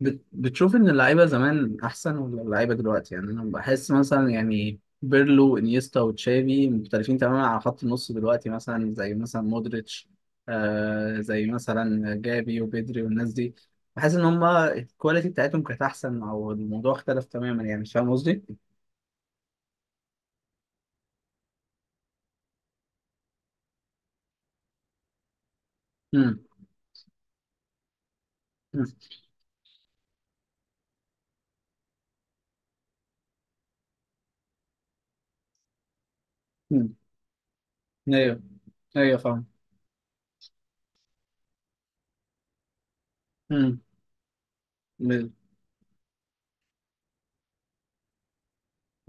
بتشوف ان اللعيبه زمان احسن ولا اللعيبه دلوقتي، يعني انا بحس مثلا، يعني بيرلو انيستا وتشافي مختلفين تماما على خط النص دلوقتي، مثلا زي مثلا مودريتش، زي مثلا جافي وبيدري والناس دي. بحس ان هما الكواليتي بتاعتهم كانت احسن، او الموضوع اختلف تماما، يعني مش فاهم قصدي؟ امم امم ايوه، ايوه فاهم. امم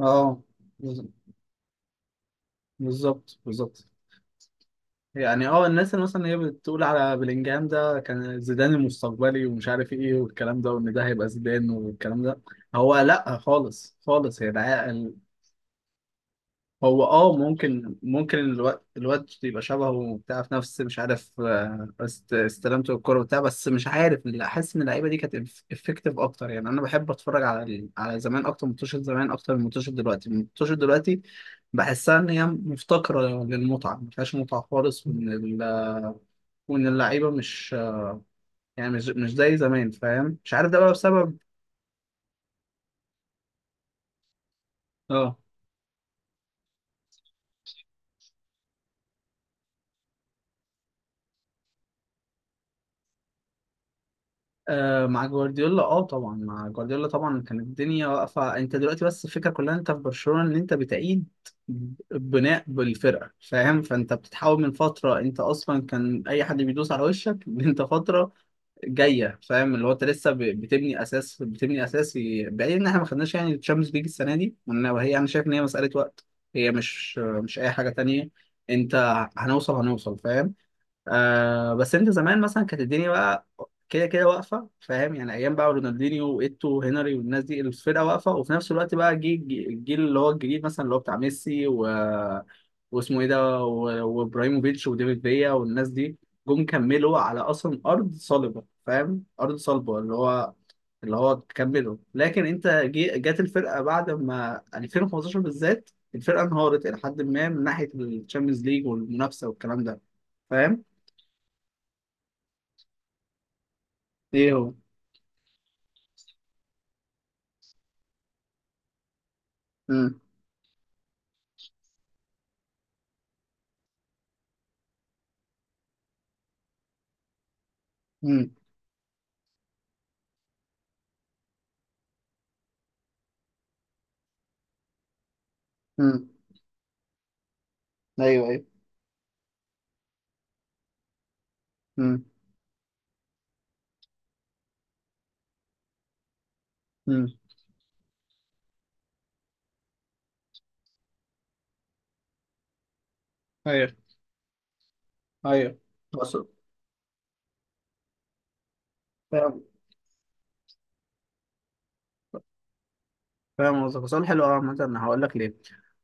اه بالظبط بالظبط. يعني اه الناس اللي مثلا هي بتقول على بلينجهام ده كان زيدان المستقبلي ومش عارف ايه والكلام ده، وان ده هيبقى زيدان والكلام ده. هو لا، خالص خالص يا العقل. هو اه، ممكن ممكن الواد يبقى شبهه وبتاع في نفس، مش عارف، استلامته الكوره وبتاع، بس مش عارف، لا، احس ان اللعيبه دي كانت افكتيف اكتر. يعني انا بحب اتفرج على على زمان اكتر من منتشر، زمان اكتر من منتشر دلوقتي، منتشر دلوقتي. بحسها ان هي مفتقره للمتعه، ما فيهاش متعه خالص، وان اللعيبه مش، يعني مش زي زمان، فاهم؟ مش عارف ده بقى بسبب، اه. آه مع جوارديولا، اه طبعا مع جوارديولا طبعا كانت الدنيا واقفه. انت دلوقتي بس الفكره كلها، انت في برشلونه ان انت بتعيد بناء بالفرقه، فاهم؟ فانت بتتحول من فتره، انت اصلا كان اي حد بيدوس على وشك انت فتره جايه، فاهم؟ اللي هو انت لسه بتبني اساس، بتبني اساس، بعيد ان احنا ما خدناش يعني الشامبيونز ليج السنه دي، وهي انا شايف ان هي مساله وقت. هي مش اي حاجه تانية. انت هنوصل، هنوصل، فاهم؟ آه، بس انت زمان مثلا كانت الدنيا بقى كده كده واقفه، فاهم؟ يعني ايام بقى رونالدينيو وايتو وهنري والناس دي، الفرقه واقفه، وفي نفس الوقت بقى جه الجيل اللي هو الجديد، مثلا اللي هو بتاع ميسي و... واسمه ايه ده، وابراهيموفيتش وديفيد فيا والناس دي، جم كملوا على اصلا ارض صلبه، فاهم؟ ارض صلبه، اللي هو كملوا. لكن انت جت الفرقه بعد ما 2015 بالذات الفرقه انهارت الى حد ما من ناحيه الشامبيونز ليج والمنافسه والكلام ده، فاهم؟ ايه هو؟ امم امم امم ايوه ايوه. هه، هيه، هيه، بس أنا فاهم قصدك. سؤال حلو قوي، مثلا هقول لك ليه.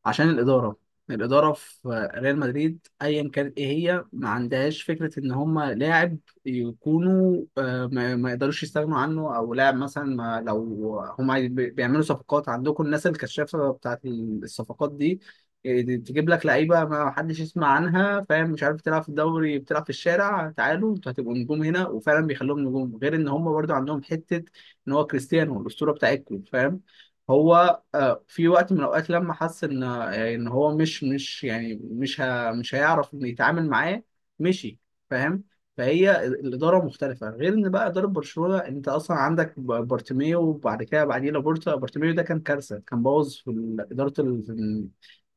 عشان الاداره، الاداره في ريال مدريد ايا كانت، ايه هي ما عندهاش فكره ان هم لاعب يكونوا، آه، ما يقدروش يستغنوا عنه، او لاعب مثلا ما لو هم بيعملوا صفقات، عندكم الناس الكشافه بتاعت الصفقات دي، آه، دي تجيب لك لعيبه ما حدش يسمع عنها، فاهم؟ مش عارف، تلعب في الدوري، بتلعب في الشارع، تعالوا انتوا هتبقوا نجوم هنا، وفعلا بيخلوهم نجوم. غير ان هم برضو عندهم حته ان هو كريستيانو الاسطوره بتاعتكم، فاهم؟ هو آه، في وقت من الاوقات لما حس ان آه، ان هو مش مش يعني مش هيعرف ان يتعامل معاه، مشي، فاهم؟ فهي الاداره مختلفه، غير ان بقى اداره برشلونه، انت اصلا عندك بارتيميو وبعد كده بعديه لابورتا. بارتيميو ده كان كارثه، كان بوظ في اداره في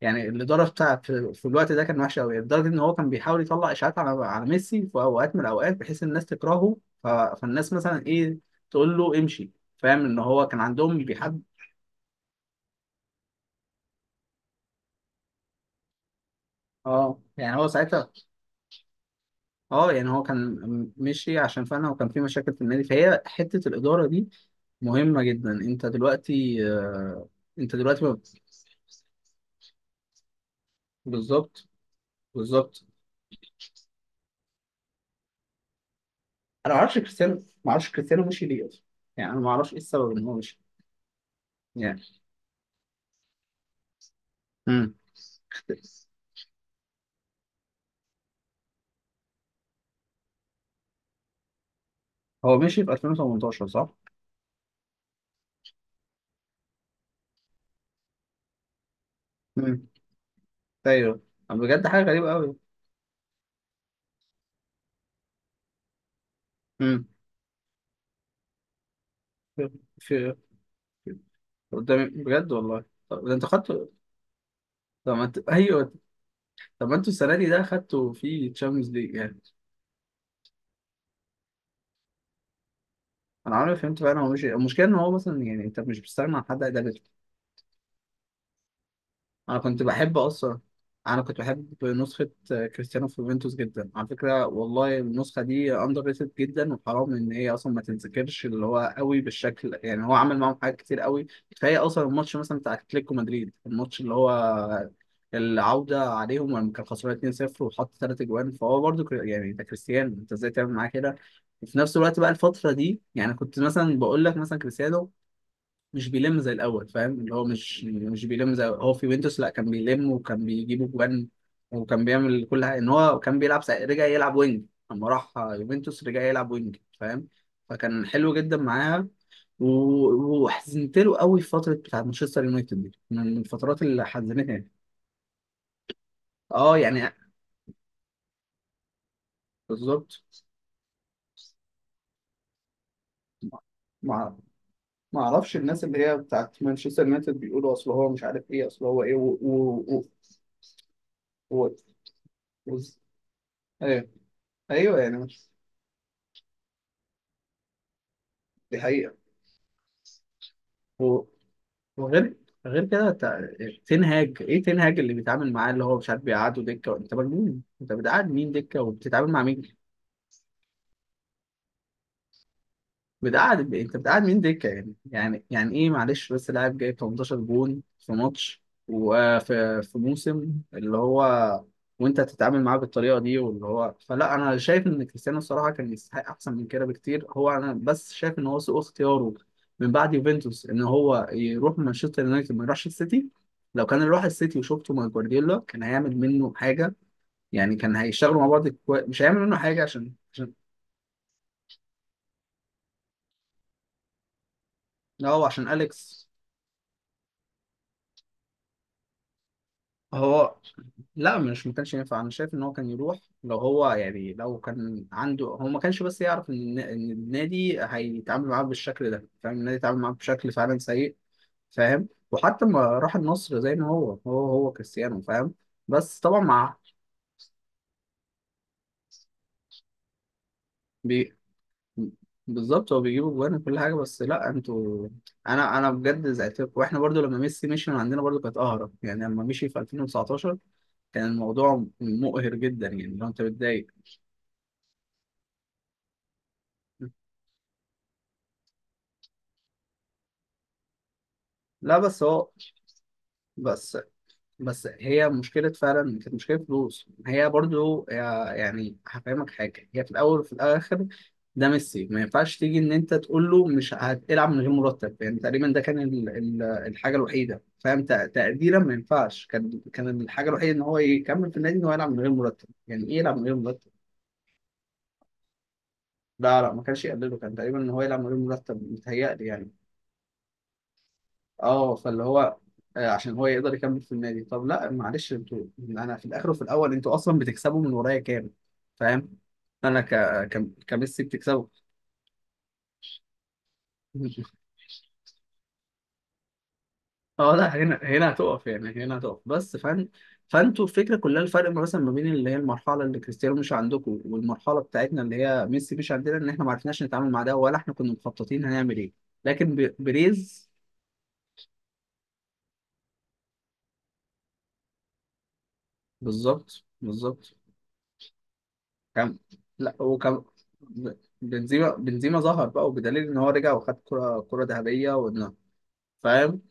يعني الاداره بتاع في الوقت ده كان وحشه قوي، لدرجه ان هو كان بيحاول يطلع اشاعات على ميسي في اوقات من الاوقات بحيث الناس تكرهه. فالناس مثلا ايه، تقول له امشي، فاهم؟ ان هو كان عندهم بيحب. اه يعني هو ساعتها، اه يعني هو كان مشي عشان فعلا وكان في مشاكل في النادي. فهي حتة الإدارة دي مهمة جدا. انت دلوقتي آه، انت دلوقتي بالظبط بالظبط. انا ما اعرفش كريستيانو، ما اعرفش كريستيانو مشي ليه اصلا، يعني انا ما اعرفش ايه السبب ان هو مشي يعني. امم، هو مشي في 2018 صح؟ امم. ايوه، بجد حاجة غريبة قوي. امم. في في- في- قدامي بجد والله، طب ده انت خدت، طب ما انت ايوه، طب ما انتوا السنه دي ده خدتوا فيه تشامبيونز ليج. انا عمري ما فهمت فعلا، هو مش المشكله ان هو مثلا يعني انت مش بتستغنى عن حد ادبته. انا كنت بحب اصلا، انا كنت بحب نسخه آه، كريستيانو في يوفنتوس جدا على فكره والله، النسخه دي اندر ريتد جدا، وحرام ان هي اصلا ما تنذكرش. اللي هو قوي بالشكل، يعني هو عمل معاهم حاجات كتير قوي، كفايه اصلا الماتش مثلا بتاع اتلتيكو مدريد، الماتش اللي هو العودة عليهم لما كان خسران 2-0 وحط ثلاث اجوان. فهو برضو يعني انت كريستيانو انت ازاي تعمل معاه كده؟ وفي نفس الوقت بقى الفترة دي، يعني كنت مثلا بقول لك مثلا كريستيانو مش بيلم زي الاول، فاهم؟ اللي هو مش مش بيلم زي، هو في يوفنتوس لا كان بيلم وكان بيجيب اجوان وكان بيعمل كل حاجه، ان هو كان بيلعب رجع يلعب وينج، لما راح يوفنتوس رجع يلعب وينج، فاهم؟ فكان حلو جدا معاها. وحزنت له قوي في فتره بتاعت مانشستر يونايتد، دي من الفترات اللي حزنتني يعني. اه يعني بالظبط. ما ما اعرفش الناس اللي هي بتاعت مانشستر يونايتد بيقولوا اصل هو مش عارف ايه اصل هو ايه و... و... ايوه ايوه يعني، دي حقيقة. و- وغير، غير كده تنهاج ايه، تنهاج اللي بيتعامل معاه اللي هو مش عارف بيقعده دكه، انت مجنون؟ انت بتقعد مين دكه وبتتعامل مع مين؟ بتقعد، انت بتقعد مين دكه؟ يعني يعني يعني ايه؟ معلش بس لاعب جايب 18 جون في ماتش وفي في موسم اللي هو، وانت تتعامل معاه بالطريقه دي، واللي هو فلا انا شايف ان كريستيانو الصراحه كان يستحق احسن من كده بكتير. هو انا بس شايف ان هو سوء اختياره من بعد يوفنتوس ان هو يروح مانشستر يونايتد ما يروحش السيتي. لو كان راح السيتي وشفته مع جوارديولا كان هيعمل منه حاجه، يعني كان هيشتغلوا مع بعض، مش هيعمل منه حاجه عشان لا، هو عشان اليكس. هو لا، مش ما كانش ينفع، انا شايف ان هو كان يروح. لو هو يعني لو كان عنده، هو ما كانش بس يعرف ان إن النادي هيتعامل معاه بالشكل ده، فاهم؟ النادي اتعامل معاه بشكل فعلا سيء، فاهم؟ وحتى ما راح النصر زي ما هو، هو كريستيانو، فاهم؟ بس طبعا مع بي... بالظبط، هو بيجيب اجوان وكل حاجه، بس لا انتوا، انا بجد زعلت لكم. واحنا برضو لما ميسي مشي من عندنا برضو كانت قهره، يعني لما مشي في 2019 كان الموضوع مقهر جدا، يعني لو انت بتضايق. لا بس هو، بس، بس هي مشكلة فعلا كانت مشكلة فلوس. هي برضو يعني هفهمك حاجة، هي في الأول وفي الآخر، ده ميسي ما ينفعش تيجي إن أنت تقول له مش هتلعب من غير مرتب، يعني تقريبا ده كان الحاجة الوحيدة، فاهم؟ تقديرا، ما ينفعش، كان الحاجة الوحيدة إن هو يكمل في النادي إن هو يلعب من غير مرتب. يعني إيه يلعب من غير مرتب؟ لا، ما كانش يقلله، كان تقريبا إن هو يلعب من غير مرتب، متهيألي يعني. اه، فاللي هو آه، عشان هو يقدر يكمل في النادي. طب لا معلش، انتوا انا في الاخر وفي الاول انتوا اصلا بتكسبوا من ورايا كام؟ فاهم؟ انا كميسي بتكسبوا. اه لا، هنا، هنا هتقف، يعني هنا هتقف بس فن. فانتوا الفكره كلها، الفرق مثلا ما بين اللي هي المرحله اللي كريستيانو مش عندكم والمرحله بتاعتنا اللي هي ميسي مش عندنا، ان احنا ما عرفناش نتعامل مع ده، ولا احنا كنا مخططين هنعمل ايه. لكن بريز، بالظبط بالظبط. كان لا هو كان بنزيما، بنزيما ظهر بقى، وبدليل ان هو رجع وخد كرة، كرة ذهبية، وانه، فاهم؟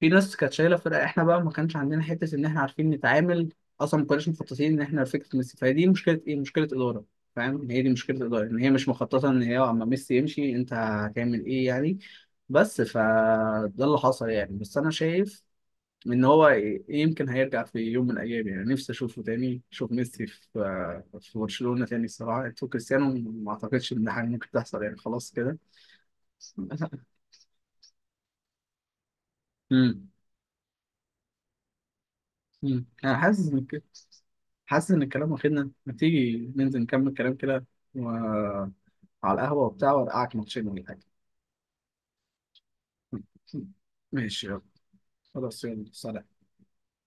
في ناس كانت شايلة فرقة. احنا بقى ما كانش عندنا حتة ان احنا عارفين نتعامل، اصلا ما كناش مخططين ان احنا فكرة ميسي. فهي دي مشكلة ايه؟ مشكلة إدارة، فاهم؟ هي دي مشكلة إدارة، ان هي مش مخططة ان هي اما ميسي يمشي انت هتعمل ايه يعني. بس فده اللي حصل يعني، بس انا شايف ان هو يمكن هيرجع في يوم من الايام، يعني نفسي اشوفه تاني، اشوف ميسي في آه، في برشلونة تاني الصراحة. انتوا كريستيانو ما اعتقدش ان حاجة ممكن تحصل يعني، خلاص كده. امم. أمم. انا حاسس ان حاسس ان الكلام واخدنا، ما تيجي ننزل نكمل كلام كده و... على القهوة وبتاع، وارقعك ماتشين ولا حاجة. ماشي يلا. خلاص يلا، سلام.